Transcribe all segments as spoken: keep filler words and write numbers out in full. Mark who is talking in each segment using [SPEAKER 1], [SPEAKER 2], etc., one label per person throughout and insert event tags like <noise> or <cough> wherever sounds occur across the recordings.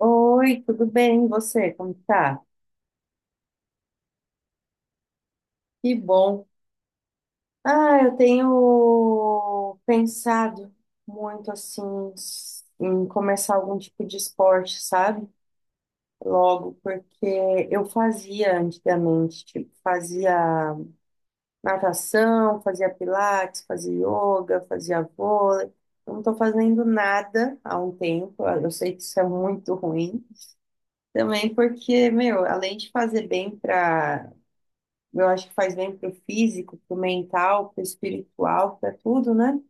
[SPEAKER 1] Oi, tudo bem? E você? Como tá? Que bom. Ah, eu tenho pensado muito assim em começar algum tipo de esporte, sabe? Logo, porque eu fazia antigamente, tipo, fazia natação, fazia pilates, fazia yoga, fazia vôlei. Eu não tô fazendo nada há um tempo. Eu sei que isso é muito ruim. Também porque, meu, além de fazer bem para. Eu acho que faz bem pro físico, pro mental, pro espiritual, pra tudo, né?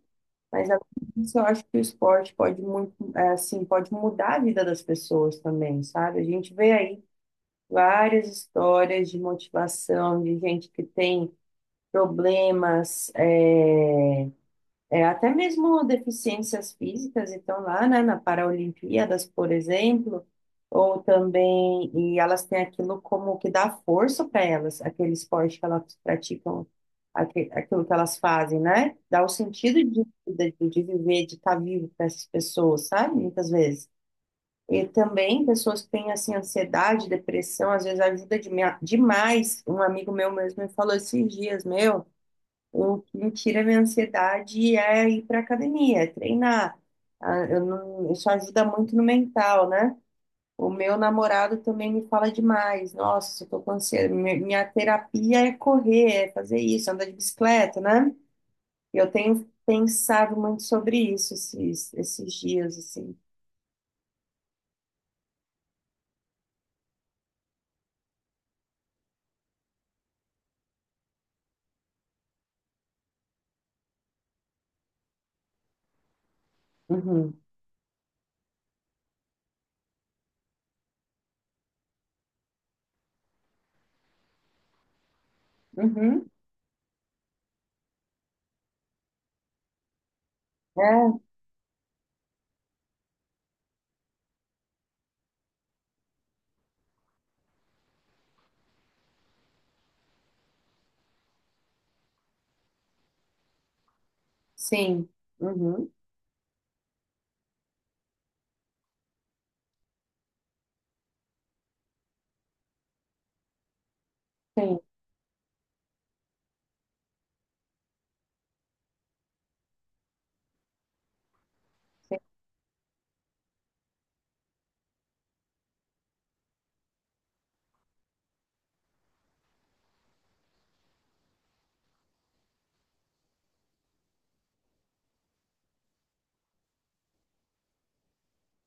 [SPEAKER 1] Mas além disso, eu acho que o esporte pode muito, é, assim, pode mudar a vida das pessoas também, sabe? A gente vê aí várias histórias de motivação, de gente que tem problemas, é, é, até mesmo deficiências físicas estão lá, né, na Paralimpíadas, por exemplo, ou também, e elas têm aquilo como que dá força para elas, aquele esporte que elas praticam, aque- aquilo que elas fazem, né? Dá o sentido de vida, de, de viver, de estar vivo para essas pessoas, sabe? Muitas vezes. E também pessoas que têm, assim, ansiedade, depressão, às vezes ajuda de- demais. Um amigo meu mesmo me falou esses dias, meu. O que me tira a minha ansiedade é ir para academia, é treinar. Ah, eu não- isso ajuda muito no mental, né? O meu namorado também me fala demais. Nossa, eu tô com ansiedade. Mi- Minha terapia é correr, é fazer isso, andar de bicicleta, né? E eu tenho pensado muito sobre isso esses, esses dias, assim. Uhum. Uhum. É, sim. Uhum. Sim.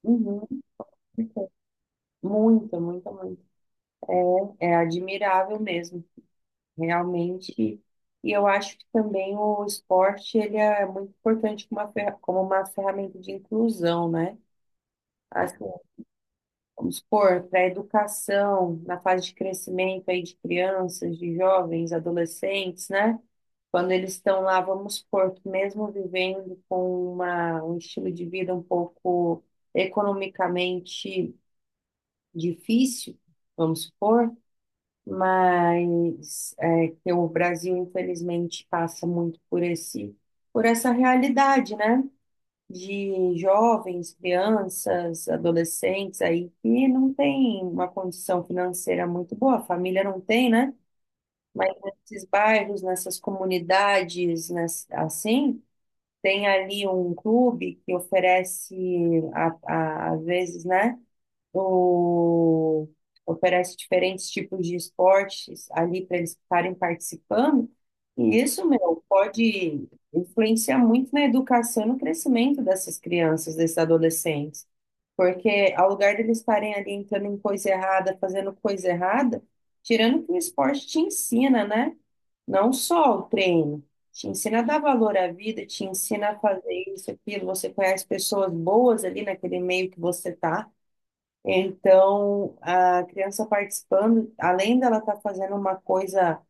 [SPEAKER 1] Uhum. Muita, muita, muita. É admirável mesmo, realmente. E e eu acho que também o esporte, ele é muito importante como uma, fer- como uma ferramenta de inclusão, né? Assim, vamos supor, para a educação, na fase de crescimento aí de crianças, de jovens, adolescentes, né? Quando eles estão lá, vamos supor que mesmo vivendo com uma, um estilo de vida um pouco economicamente difícil, vamos supor. Mas é, que o Brasil, infelizmente, passa muito por esse, por essa realidade, né? De jovens, crianças, adolescentes aí que não tem uma condição financeira muito boa, a família não tem, né? Mas nesses bairros, nessas comunidades, ness- assim, tem ali um clube que oferece, a- a- às vezes, né, o- oferece diferentes tipos de esportes ali para eles estarem participando. E isso, meu, pode influenciar muito na educação e no crescimento dessas crianças, desses adolescentes. Porque ao lugar deles estarem ali entrando em coisa errada, fazendo coisa errada, tirando que o esporte te ensina, né? Não só o treino. Te ensina a dar valor à vida, te ensina a fazer isso, aquilo. Você conhece pessoas boas ali naquele meio que você tá. Então, a criança participando, além dela estar fazendo uma coisa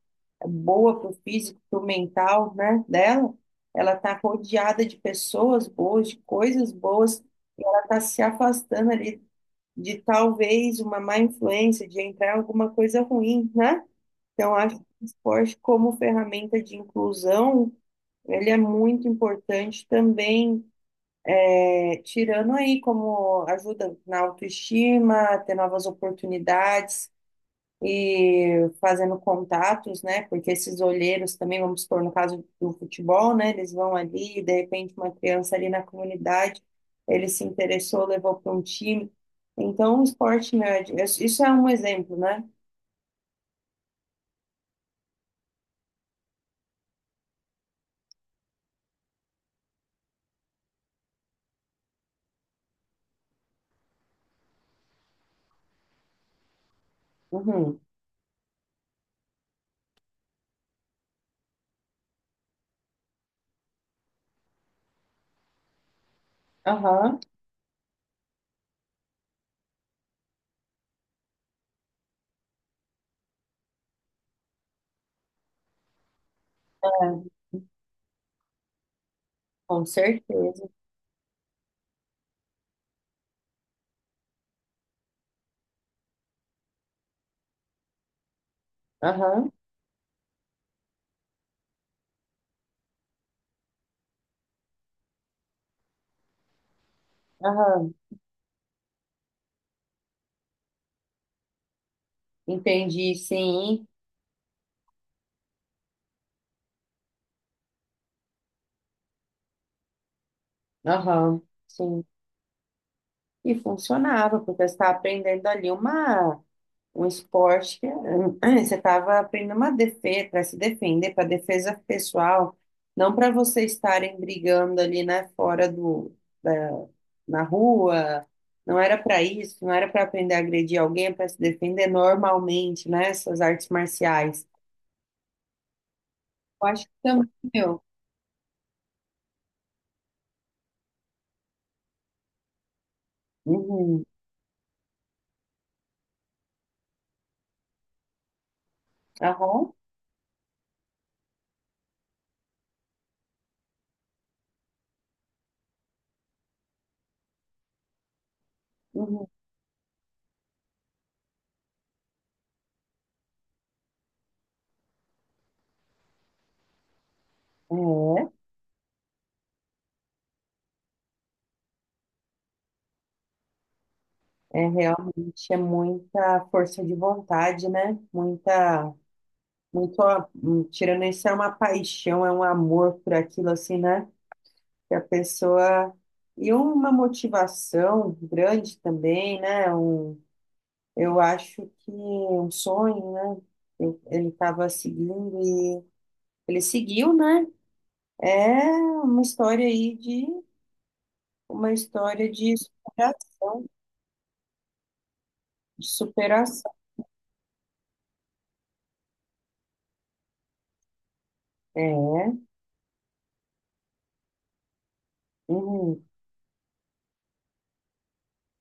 [SPEAKER 1] boa para o físico, para o mental, né, dela, ela está rodeada de pessoas boas, de coisas boas, ela está se afastando ali de talvez uma má influência, de entrar em alguma coisa ruim, né? Então, acho que o esporte como ferramenta de inclusão, ele é muito importante também, é, tirando aí como ajuda na autoestima, ter novas oportunidades e fazendo contatos, né? Porque esses olheiros também, vamos supor, no caso do futebol, né? Eles vão ali, e de repente uma criança ali na comunidade, ele se interessou, levou para um time. Então, o esporte nerd, isso isso é um exemplo, né? Uhum. Aham, é, com certeza. Aham, aham. Entendi, sim. Aham, sim. E funcionava, porque você estava aprendendo ali uma, um esporte que, <clears throat> eh, você estava aprendendo uma defesa, para se defender, para defesa pessoal, não para vocês estarem brigando ali, né, fora do, da- na rua, não era para isso, não era para aprender a agredir alguém, para se defender normalmente, né, essas artes marciais. Eu acho que também, meu. Uhum. Aham. Uhum. É, é realmente é muita força de vontade, né? Muita muito, a- hum, tirando isso, é uma paixão, é um amor por aquilo, assim, né? Que a pessoa. E uma motivação grande também, né? Um, eu acho que um sonho, né? Eu- Ele estava seguindo e ele seguiu, né? É uma história aí de uma história de superação, de superação. É, uhum,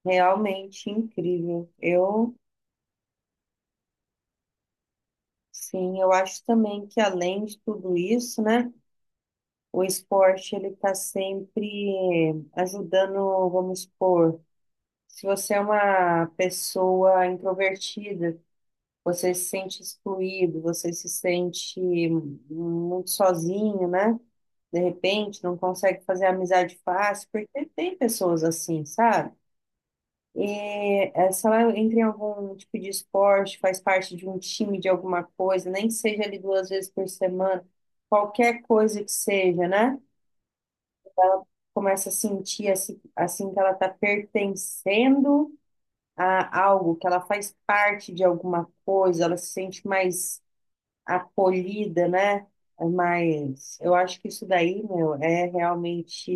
[SPEAKER 1] realmente incrível. Eu, sim, eu acho também que além de tudo isso, né? O esporte, ele está sempre ajudando, vamos supor, se você é uma pessoa introvertida, você se sente excluído, você se sente muito sozinho, né? De repente, não consegue fazer amizade fácil, porque tem pessoas assim, sabe? E é, se ela entra em algum tipo de esporte, faz parte de um time de alguma coisa, nem que seja ali duas vezes por semana, qualquer coisa que seja, né? Começa a sentir assim, assim que ela está pertencendo a algo, que ela faz parte de alguma coisa, ela se sente mais acolhida, né? Mas eu acho que isso daí, meu, é realmente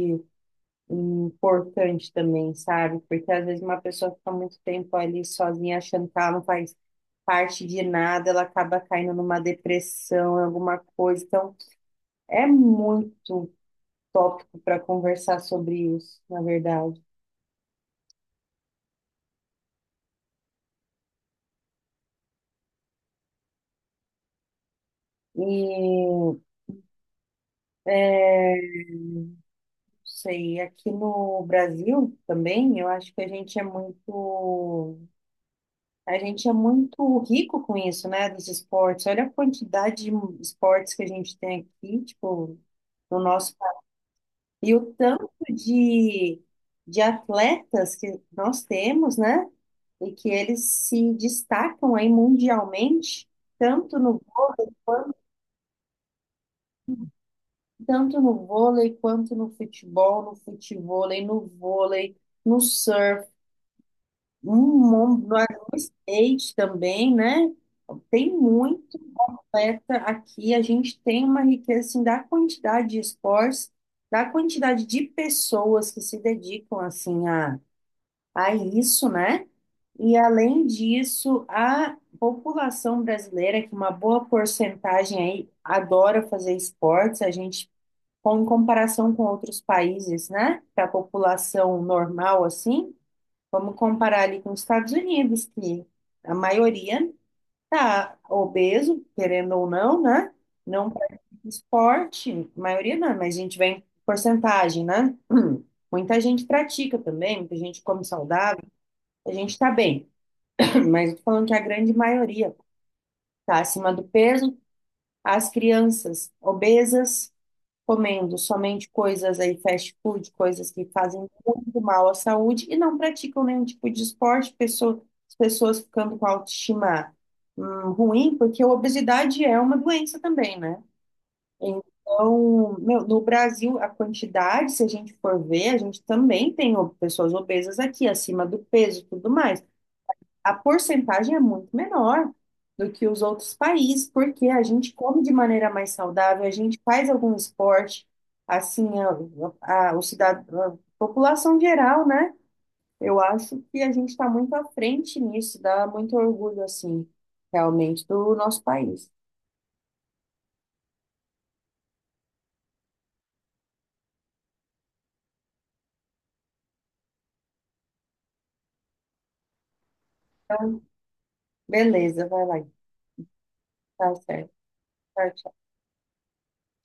[SPEAKER 1] importante também, sabe? Porque às vezes uma pessoa fica muito tempo ali sozinha, achando que ela não faz parte de nada, ela acaba caindo numa depressão, em alguma coisa. Então, é muito tópico para conversar sobre isso, na verdade. E é, não sei, aqui no Brasil também, eu acho que a gente é muito, a gente é muito, rico com isso, né, dos esportes. Olha a quantidade de esportes que a gente tem aqui, tipo, no nosso país. E o tanto de, de atletas que nós temos, né, e que eles se destacam aí mundialmente, tanto no, tanto no vôlei, quanto no futebol, no futevôlei, no vôlei, no surf, um mundo, no no skate também, né? Tem muito atleta aqui. A gente tem uma riqueza assim, da quantidade de esportes, da quantidade de pessoas que se dedicam assim a, a isso, né? E além disso, a população brasileira, que uma boa porcentagem aí adora fazer esportes, a gente, com- em comparação com outros países, né? Para a população normal assim. Vamos comparar ali com os Estados Unidos, que a maioria está obeso, querendo ou não, né? Não pratica esporte, a maioria não, mas a gente vê em porcentagem, né? <clears throat> Muita gente pratica também, muita gente come saudável, a gente está bem, <clears throat> mas eu tô falando que a grande maioria está acima do peso, as crianças obesas comendo somente coisas aí, fast food, coisas que fazem muito mal à saúde e não praticam nenhum tipo de esporte, pessoa- as pessoas ficando com a autoestima hum, ruim, porque a obesidade é uma doença também, né? Então, meu, no Brasil, a quantidade, se a gente for ver, a gente também tem o- pessoas obesas aqui, acima do peso e tudo mais. A porcentagem é muito menor do que os outros países, porque a gente come de maneira mais saudável, a gente faz algum esporte, assim, a, a, o cidad a população geral, né? Eu acho que a gente está muito à frente nisso, dá muito orgulho, assim, realmente, do nosso país. Beleza, vai lá. Tá certo. Tá.